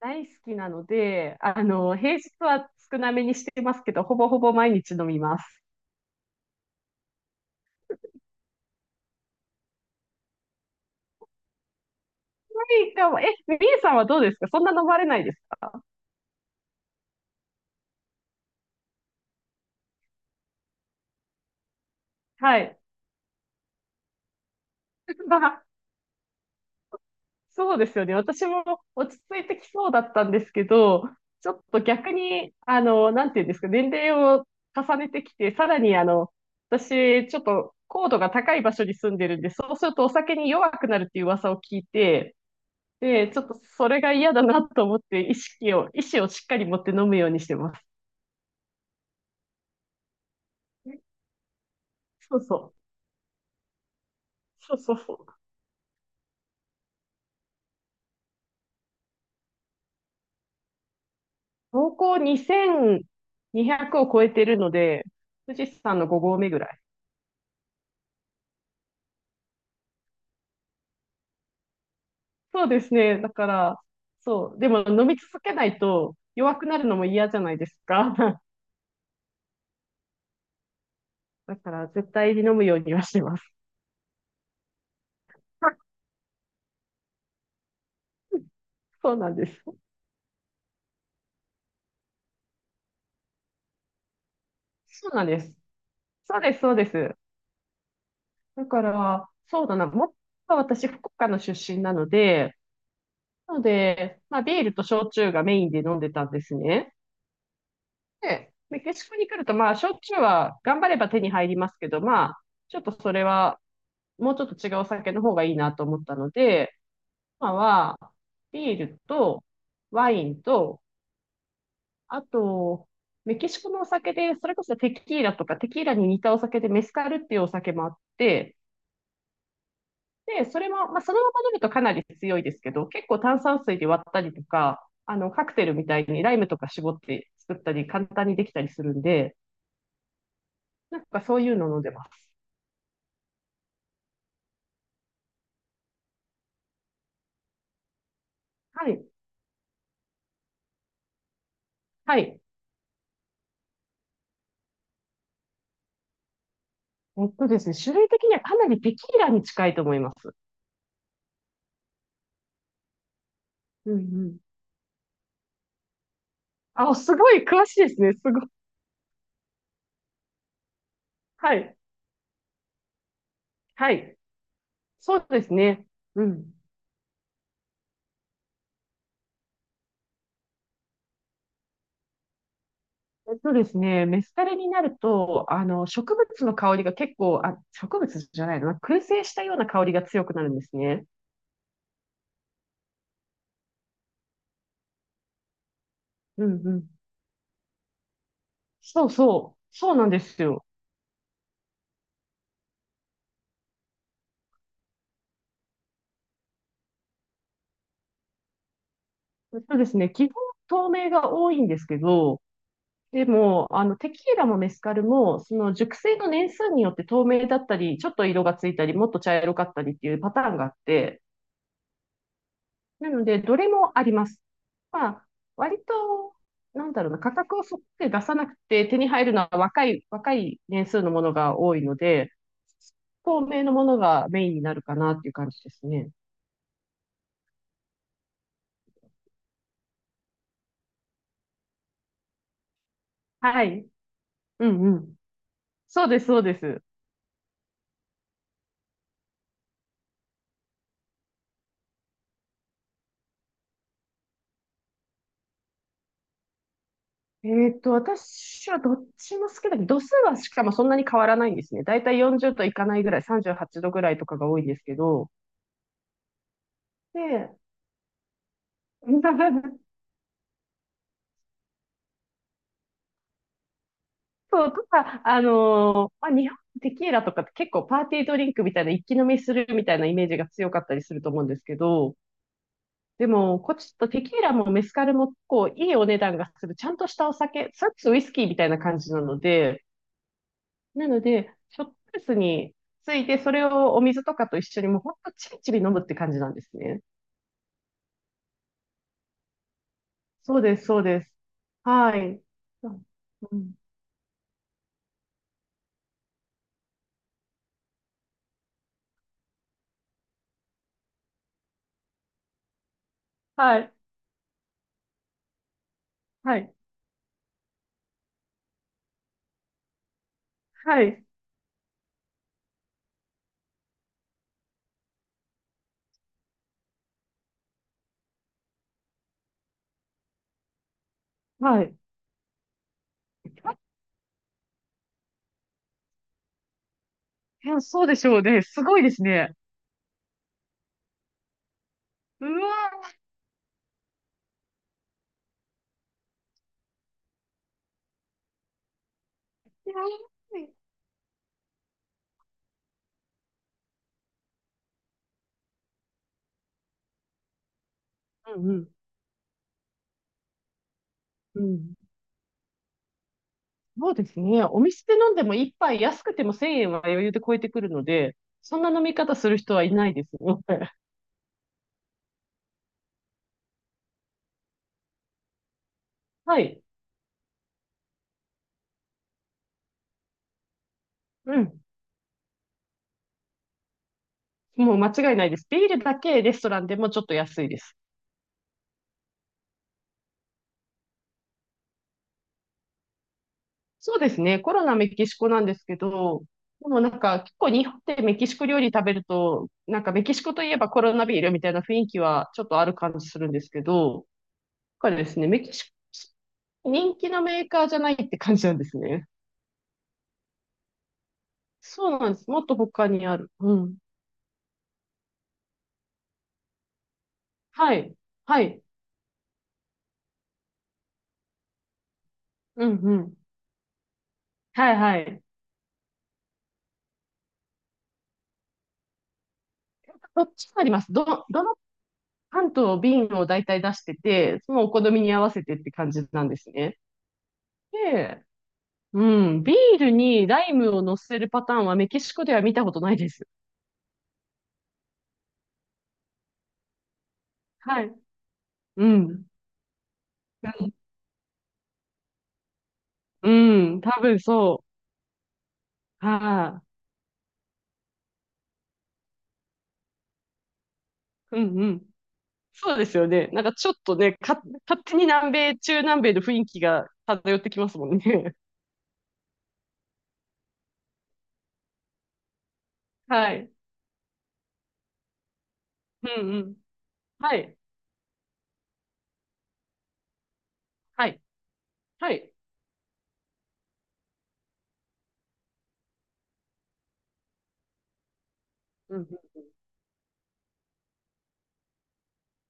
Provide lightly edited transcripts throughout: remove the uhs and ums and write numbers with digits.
大好きなので、平日は少なめにしてますけど、ほぼほぼ毎日飲みます。ないかも。みえさんはどうですか？そんな飲まれないですか？はい。そうですよね。私も落ち着いてきそうだったんですけど、ちょっと逆に、なんていうんですか、年齢を重ねてきて、さらに、私、ちょっと高度が高い場所に住んでるんで、そうするとお酒に弱くなるっていう噂を聞いて、で、ちょっとそれが嫌だなと思って、意思をしっかり持って飲むようにしてます。そうそう。そうそうそう。標高2200を超えてるので、富士山の5合目ぐらい。そうですね。だから、そう。でも飲み続けないと弱くなるのも嫌じゃないですか。だから絶対に飲むようにはしてます。そうなんです。そうなんです。そうです、そうです。だから、そうだな。もっと私、福岡の出身なので、なので、まあ、ビールと焼酎がメインで飲んでたんですね。で、メキシコに来ると、まあ、焼酎は頑張れば手に入りますけど、まあ、ちょっとそれは、もうちょっと違うお酒の方がいいなと思ったので、今は、ビールと、ワインと、あと、メキシコのお酒で、それこそテキーラとか、テキーラに似たお酒でメスカルっていうお酒もあって、で、それも、まあ、そのまま飲むとかなり強いですけど、結構炭酸水で割ったりとか、カクテルみたいにライムとか絞って作ったり、簡単にできたりするんで、なんかそういうの飲んでます。はい。はい。えっとですね、種類的にはかなりテキーラに近いと思います。うんうん。あ、すごい詳しいですね。すごい。はい。はい。そうですね。うん。えっとですね、メスカリになると、植物の香りが結構、あ、植物じゃないな、燻製したような香りが強くなるんですね。うんうん。そうそう。そうなんですよ。えっとですね、基本透明が多いんですけど、でも、テキーラもメスカルも、その熟成の年数によって透明だったり、ちょっと色がついたり、もっと茶色かったりっていうパターンがあって、なので、どれもあります。まあ、割と、なんだろうな、価格をそって出さなくて手に入るのは若い年数のものが多いので、透明のものがメインになるかなっていう感じですね。はい。うんうん。そうです、そうです。私はどっちも好きだけど、度数はしかもそんなに変わらないんですね。だいたい40度いかないぐらい、38度ぐらいとかが多いんですけど、で、そう、とか、まあ、日本テキーラとかって結構パーティードリンクみたいな一気飲みするみたいなイメージが強かったりすると思うんですけど、でも、こっちとテキーラもメスカルもこういいお値段がするちゃんとしたお酒、それこそウイスキーみたいな感じなので、ショットグラスについてそれをお水とかと一緒にもうほんとちびちび飲むって感じなんですね。そうです、そうです。はい。うんうん。はい、はい、はい、はい。えそうでしょうね。すごいですね。うわー、安い。うんうん。うん。そうですね。お店で飲んでも一杯安くても1000円は余裕で超えてくるので、そんな飲み方する人はいないですね。はい。うん。もう間違いないです。ビールだけレストランでもちょっと安いです。そうですね。コロナメキシコなんですけど、でもなんか結構日本でメキシコ料理食べると、なんかメキシコといえばコロナビールみたいな雰囲気はちょっとある感じするんですけど、だからですね、メキシコ人気のメーカーじゃないって感じなんですね。そうなんです。もっと他にある。うん。はい。はい。うんうん。はいはい。どっちもあります。どの缶と瓶を大体出してて、そのお好みに合わせてって感じなんですね。で、うん。ビールにライムを乗せるパターンはメキシコでは見たことないです。はい。うん。うん。うん、多分そう。はい。うんうん。そうですよね。なんかちょっとね、勝手に南米、中南米の雰囲気が漂ってきますもんね。はい。うんうん。はい。はい。はい。うんうん。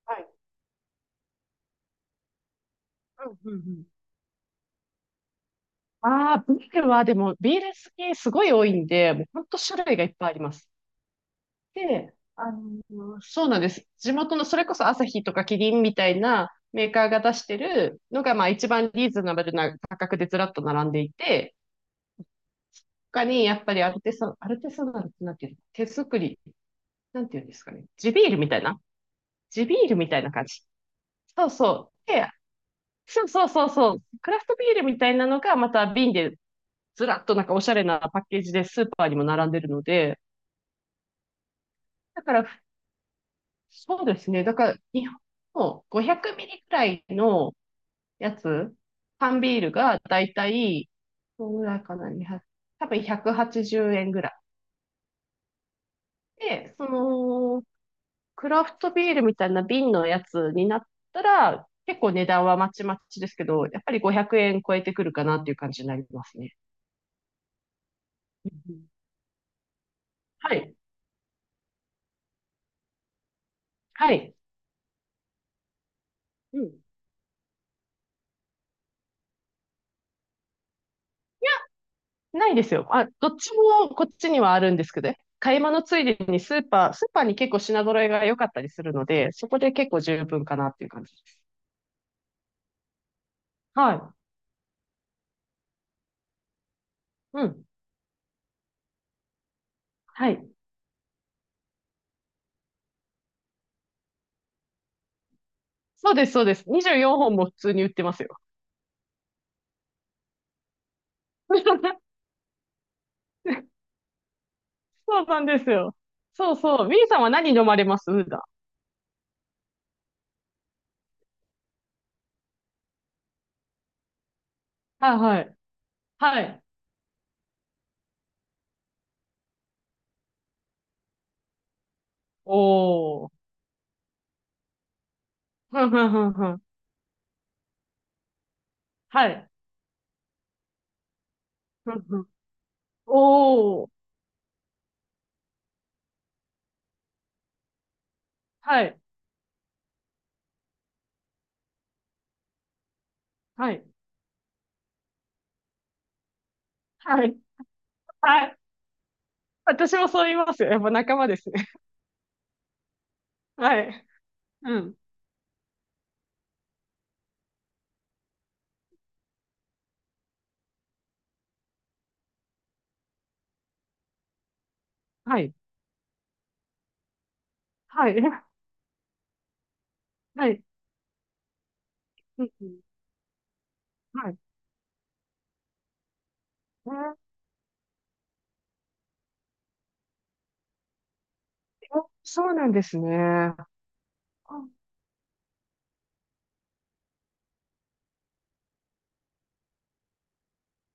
はい。うんうんうん。ああ、ビールはでも、ビール好きすごい多いんで、もうほんと種類がいっぱいあります。で、そうなんです。地元の、それこそアサヒとかキリンみたいなメーカーが出してるのが、まあ一番リーズナブルな価格でずらっと並んでいて、他にやっぱりアルテサナルってなんていうの手作り、なんていうんですかね。地ビールみたいな感じ。そうそう。で、そうそうそうそう。クラフトビールみたいなのがまた瓶でずらっとなんかおしゃれなパッケージでスーパーにも並んでるので、だから、そうですね。だから、日本の500ミリくらいのやつ、缶ビールがだいたい、どのぐらいかな、2 0多分180円ぐらい。で、クラフトビールみたいな瓶のやつになったら、結構値段はまちまちですけど、やっぱり500円超えてくるかなっていう感じになりますね。うんうん。はい。はい。うん。ないですよ。あ、どっちもこっちにはあるんですけどね、買い物ついでにスーパーに結構品揃えが良かったりするので、そこで結構十分かなっていう感じです。はい。うん。はい。そうです、そうです。24本も普通に売ってますよ。そうなんですよ。そうそう。ミーさんは何飲まれます普段？はいはい。はい。おー。ふんふんふんふん。はい。ふんふん。おー。はい。はい。はい。はい。私もそう言いますよ。やっぱ仲間ですね。はい。うん。はい。はい。え、はい。うん。うん。はい。えー、そうなんですね。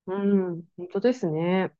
うん。本当ですね。